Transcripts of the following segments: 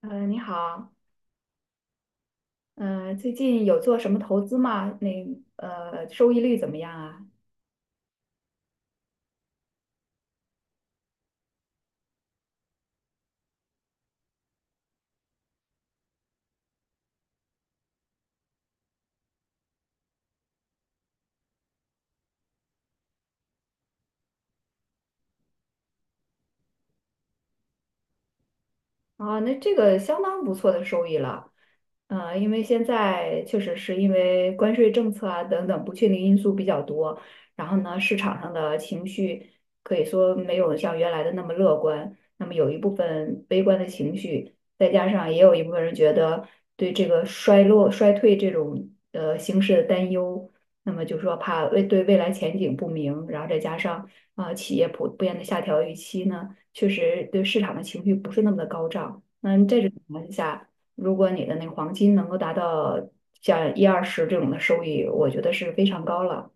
嗯，你好，嗯，最近有做什么投资吗？那收益率怎么样啊？啊，那这个相当不错的收益了，因为现在确实是因为关税政策啊等等不确定因素比较多，然后呢，市场上的情绪可以说没有像原来的那么乐观，那么有一部分悲观的情绪，再加上也有一部分人觉得对这个衰落、衰退这种形势的担忧，那么就说怕未来前景不明，然后再加上企业普遍的下调预期呢。确实对市场的情绪不是那么的高涨。那这种情况下，如果你的那个黄金能够达到像一二十这种的收益，我觉得是非常高了。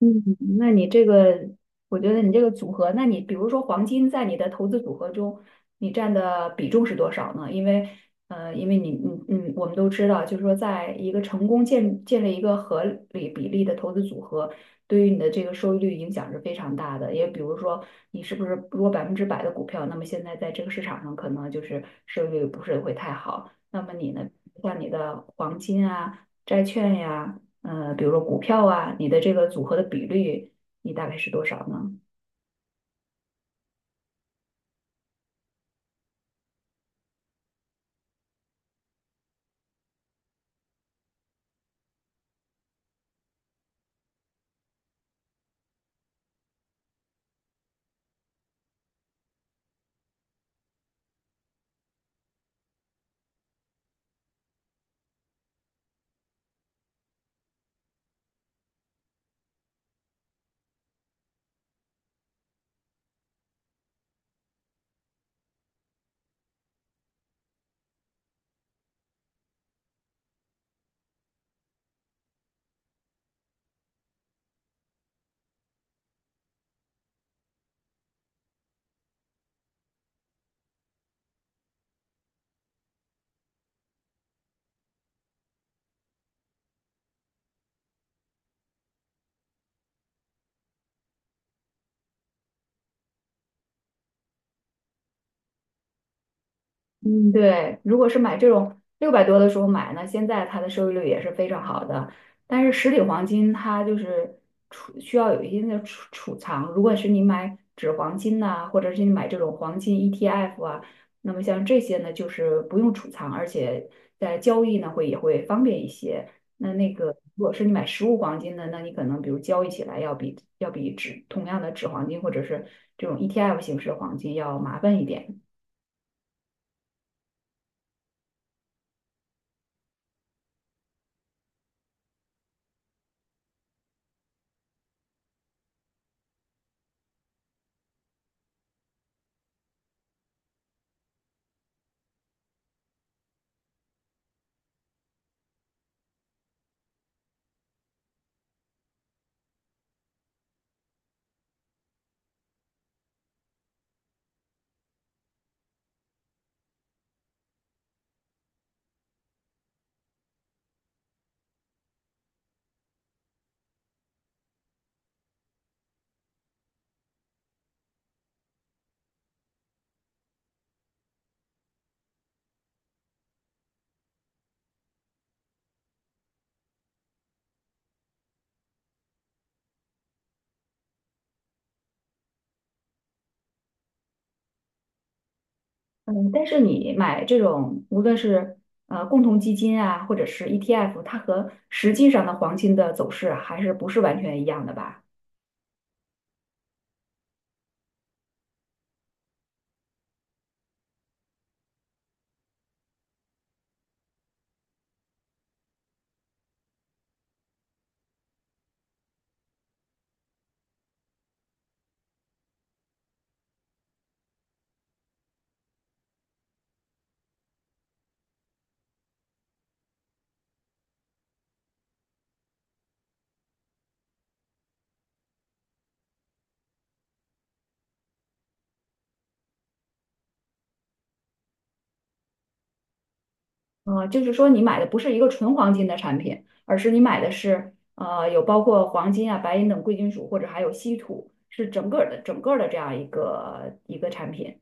嗯，那你这个，我觉得你这个组合，那你比如说黄金在你的投资组合中，你占的比重是多少呢？因为，因为你，我们都知道，就是说，在一个成功建立一个合理比例的投资组合，对于你的这个收益率影响是非常大的。也比如说，你是不是如果100%的股票，那么现在在这个市场上可能就是收益率不是会太好。那么你呢，像你的黄金啊、债券呀。比如说股票啊，你的这个组合的比率，你大概是多少呢？嗯对，如果是买这种600多的时候买呢，现在它的收益率也是非常好的。但是实体黄金它就是需要有一定的储藏，如果是你买纸黄金呐、或者是你买这种黄金 ETF 啊，那么像这些呢，就是不用储藏，而且在交易呢会也会方便一些。那个如果是你买实物黄金的，那你可能比如交易起来要比同样的纸黄金或者是这种 ETF 形式的黄金要麻烦一点。嗯，但是你买这种，无论是共同基金啊，或者是 ETF，它和实际上的黄金的走势啊还是不是完全一样的吧？就是说你买的不是一个纯黄金的产品，而是你买的是有包括黄金啊、白银等贵金属，或者还有稀土，是整个儿的这样一个产品。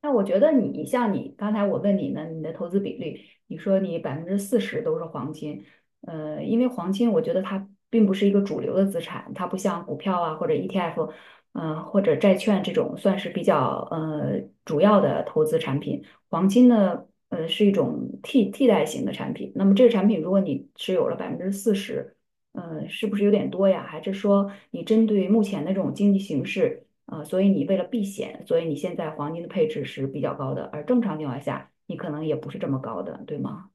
那我觉得你像你刚才我问你呢，你的投资比率，你说你百分之四十都是黄金，因为黄金我觉得它并不是一个主流的资产，它不像股票啊或者 ETF，或者债券这种算是比较主要的投资产品。黄金呢，是一种替代型的产品。那么这个产品如果你持有了百分之四十，是不是有点多呀？还是说你针对目前的这种经济形势？所以你为了避险，所以你现在黄金的配置是比较高的，而正常情况下，你可能也不是这么高的，对吗？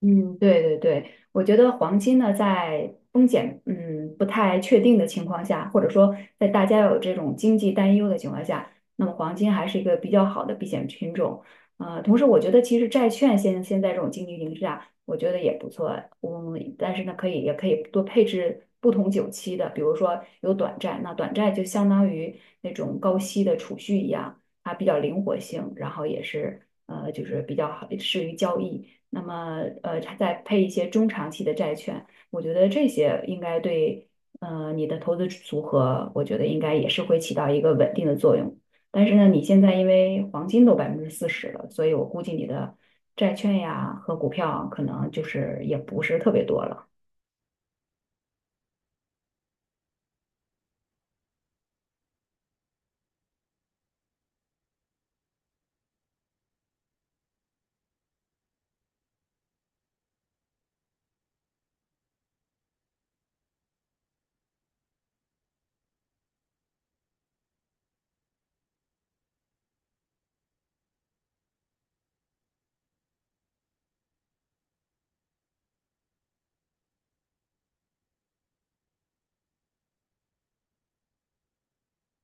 嗯，对对对，我觉得黄金呢，在风险不太确定的情况下，或者说在大家有这种经济担忧的情况下，那么黄金还是一个比较好的避险品种。同时我觉得其实债券现在这种经济形势下，我觉得也不错。但是呢，可以也可以多配置不同久期的，比如说有短债，那短债就相当于那种高息的储蓄一样，它比较灵活性，然后也是就是比较好适于交易。那么再配一些中长期的债券，我觉得这些应该对你的投资组合，我觉得应该也是会起到一个稳定的作用。但是呢，你现在因为黄金都百分之四十了，所以我估计你的债券呀和股票可能就是也不是特别多了。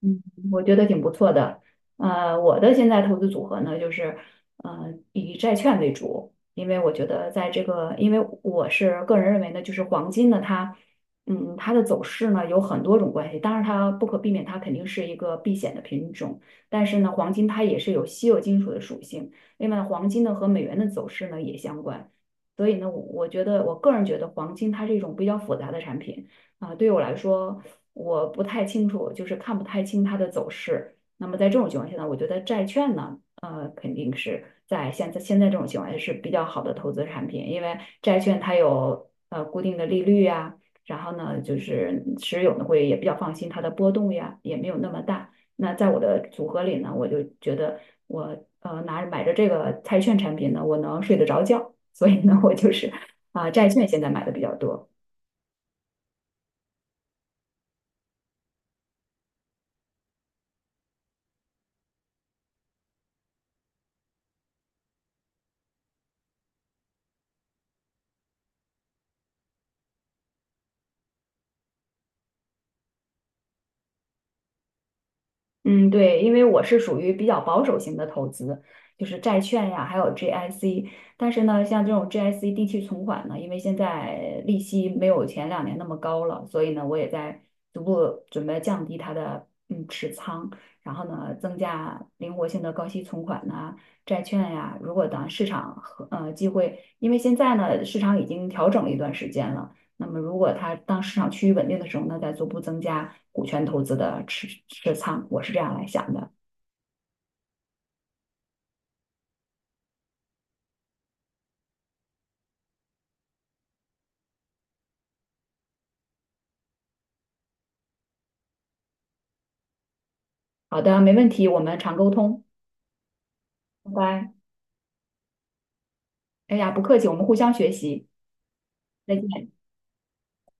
嗯，我觉得挺不错的。我的现在投资组合呢，就是以债券为主，因为我觉得在这个，因为我是个人认为呢，就是黄金呢，它的走势呢有很多种关系，当然它不可避免，它肯定是一个避险的品种，但是呢，黄金它也是有稀有金属的属性，另外黄金呢和美元的走势呢也相关，所以呢，我觉得我个人觉得黄金它是一种比较复杂的产品啊，对我来说。我不太清楚，就是看不太清它的走势。那么在这种情况下呢，我觉得债券呢，肯定是在现在这种情况下是比较好的投资产品，因为债券它有固定的利率呀，然后呢，就是持有呢会也比较放心，它的波动呀也没有那么大。那在我的组合里呢，我就觉得我买着这个债券产品呢，我能睡得着觉，所以呢，我就是债券现在买的比较多。嗯，对，因为我是属于比较保守型的投资，就是债券呀，还有 GIC。但是呢，像这种 GIC 定期存款呢，因为现在利息没有前两年那么高了，所以呢，我也在逐步准备降低它的持仓，然后呢，增加灵活性的高息存款呐、债券呀。如果当市场和机会，因为现在呢，市场已经调整了一段时间了。那么，如果它当市场趋于稳定的时候呢，再逐步增加股权投资的持仓，我是这样来想的。好的，没问题，我们常沟通，拜拜。哎呀，不客气，我们互相学习，再见。